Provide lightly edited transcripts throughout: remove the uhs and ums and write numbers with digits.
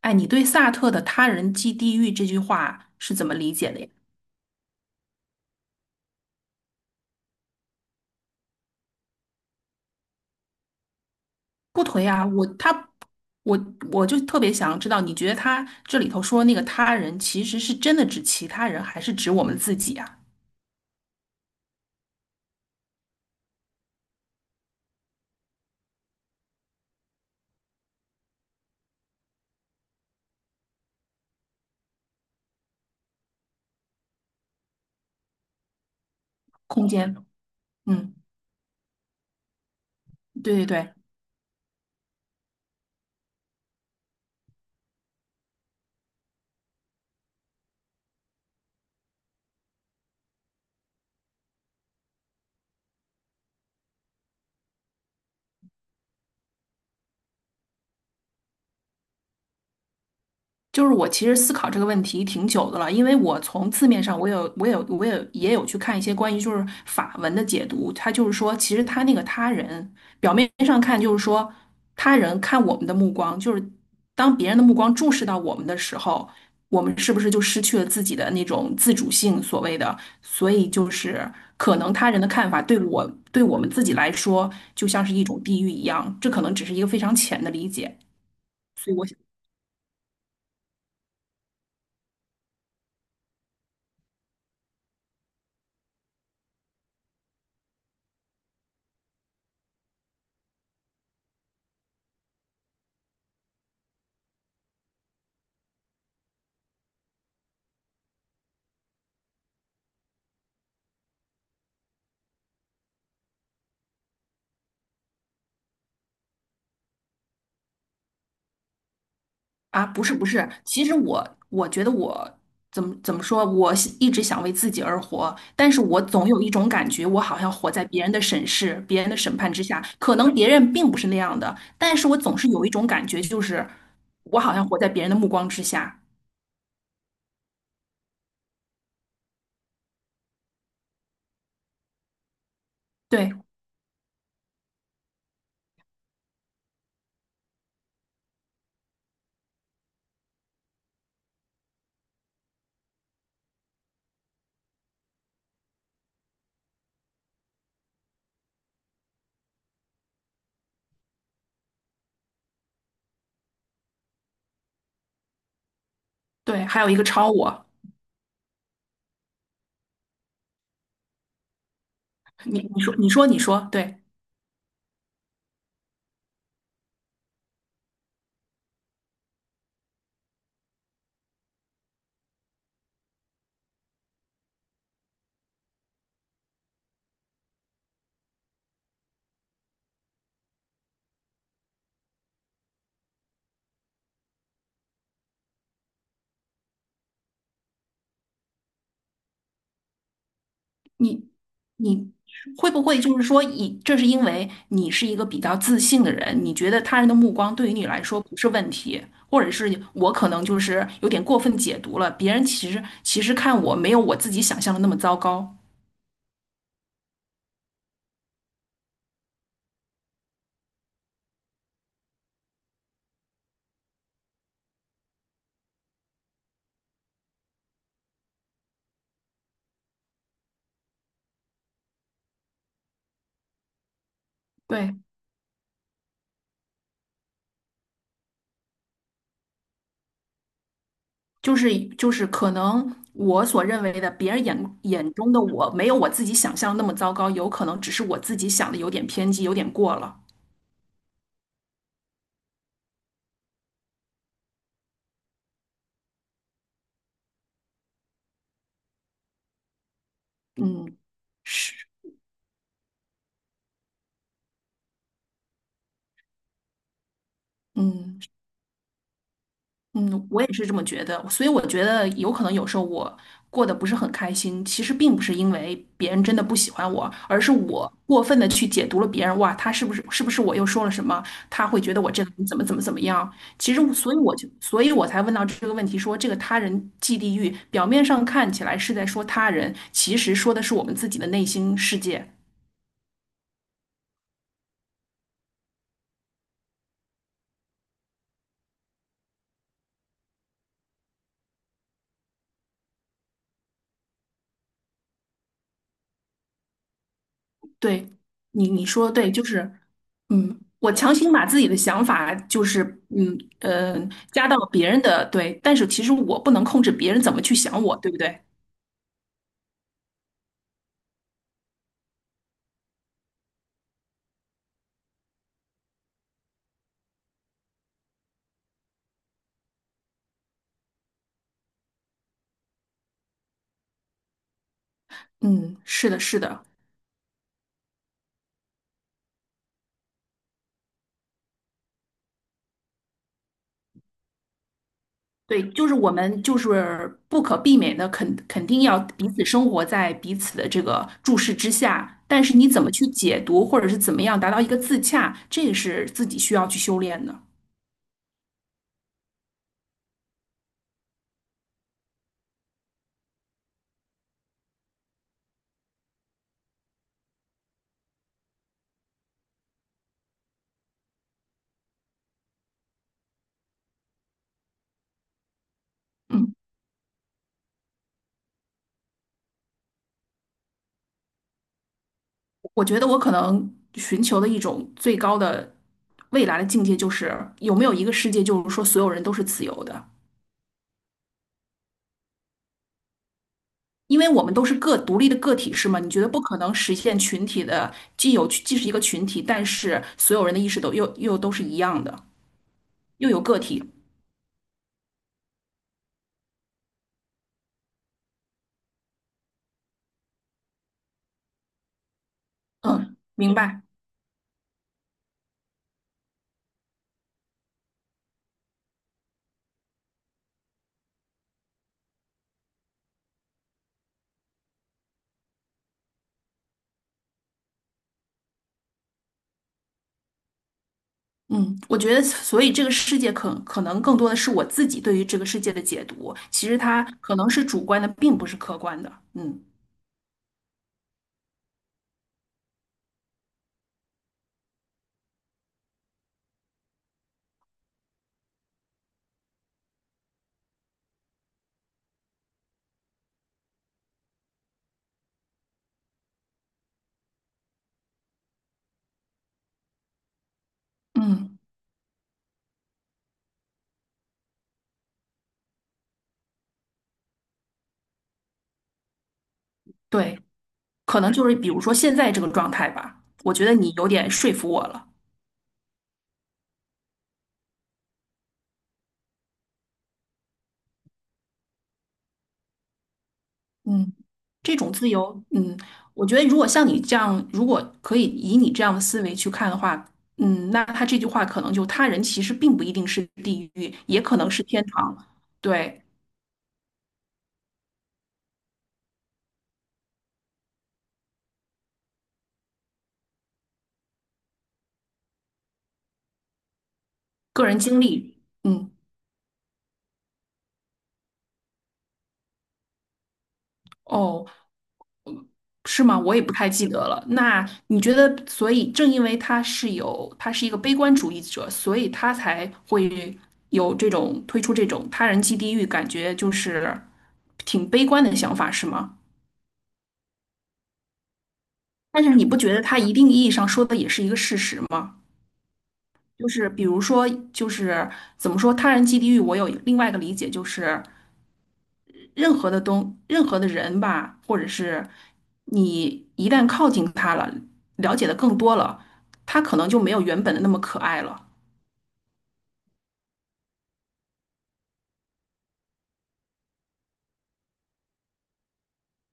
哎，你对萨特的“他人即地狱”这句话是怎么理解的呀？不颓啊，我他我我就特别想知道，你觉得他这里头说那个他人，其实是真的指其他人，还是指我们自己啊？空间，嗯，对对对，就是我其实思考这个问题挺久的了，因为我从字面上我也有去看一些关于就是法文的解读，它就是说，其实他那个他人表面上看就是说他人看我们的目光，就是当别人的目光注视到我们的时候，我们是不是就失去了自己的那种自主性，所谓的，所以就是可能他人的看法对我们自己来说就像是一种地狱一样，这可能只是一个非常浅的理解，所以我啊，不是不是，其实我觉得我怎么说，我是一直想为自己而活，但是我总有一种感觉，我好像活在别人的审视、别人的审判之下。可能别人并不是那样的，但是我总是有一种感觉，就是我好像活在别人的目光之下。对对，还有一个超我，你说，对。你你会不会就是说以，这是因为你是一个比较自信的人，你觉得他人的目光对于你来说不是问题，或者是我可能就是有点过分解读了，别人其实看我没有我自己想象的那么糟糕。对，就是可能我所认为的别人眼中的我没有我自己想象的那么糟糕，有可能只是我自己想的有点偏激，有点过了。嗯，是，嗯。嗯，我也是这么觉得，所以我觉得有可能有时候我过得不是很开心，其实并不是因为别人真的不喜欢我，而是我过分的去解读了别人，哇，他是不是我又说了什么，他会觉得我这个人怎么样？其实我，所以我就，所以我才问到这个问题说，这个他人即地狱，表面上看起来是在说他人，其实说的是我们自己的内心世界。对，你说得对，就是，嗯，我强行把自己的想法，就是，嗯呃，加到别人的，对，但是其实我不能控制别人怎么去想我，对不对？嗯，是的，是的，对，我们就是不可避免的肯定要彼此生活在彼此的这个注视之下，但是你怎么去解读，或者是怎么样达到一个自洽，这个是自己需要去修炼的。嗯。我觉得我可能寻求的一种最高的未来的境界，就是有没有一个世界，就是说所有人都是自由的，因为我们都是个独立的个体，是吗？你觉得不可能实现群体的，既是一个群体，但是所有人的意识又都是一样的，又有个体。嗯，明白。嗯，我觉得，所以这个世界可能更多的是我自己对于这个世界的解读，其实它可能是主观的，并不是客观的。嗯嗯，对。可能就是比如说现在这个状态吧，我觉得你有点说服我了。嗯，这种自由，嗯，我觉得如果像你这样，如果可以以你这样的思维去看的话，嗯，那他这句话可能就他人其实并不一定是地狱，也可能是天堂。对，个人经历，嗯，哦，是吗？我也不太记得了。那你觉得，所以正因为他是有，他是一个悲观主义者，所以他才会有这种推出这种他人即地狱，感觉就是挺悲观的想法，是吗？但是你不觉得他一定意义上说的也是一个事实吗？就是比如说，就是怎么说，他人即地狱，我有另外一个理解，就是任何的东，任何的人吧，或者是你一旦靠近他了，了解的更多了，他可能就没有原本的那么可爱了。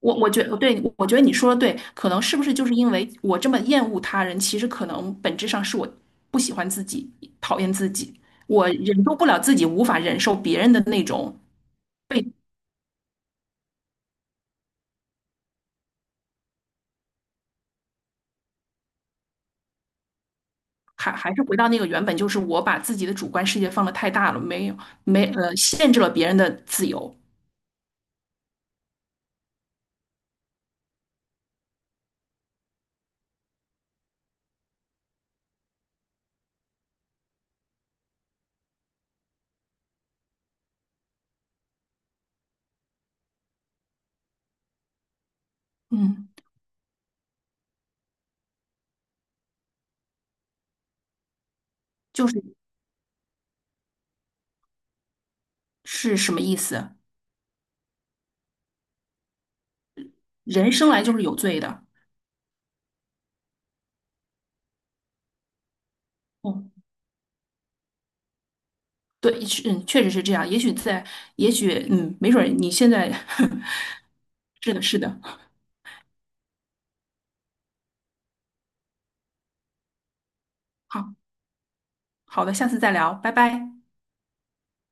我觉得对，我觉得你说的对，可能是不是就是因为我这么厌恶他人，其实可能本质上是我不喜欢自己，讨厌自己，我忍受不了自己，无法忍受别人的那种被，还是回到那个原本，就是我把自己的主观世界放得太大了，没限制了别人的自由，嗯。就是是什么意思？人生来就是有罪的。哦，对，是嗯，确实是这样。也许在，也许，嗯，没准儿你现在 是的，是的。好，好的，下次再聊，拜拜。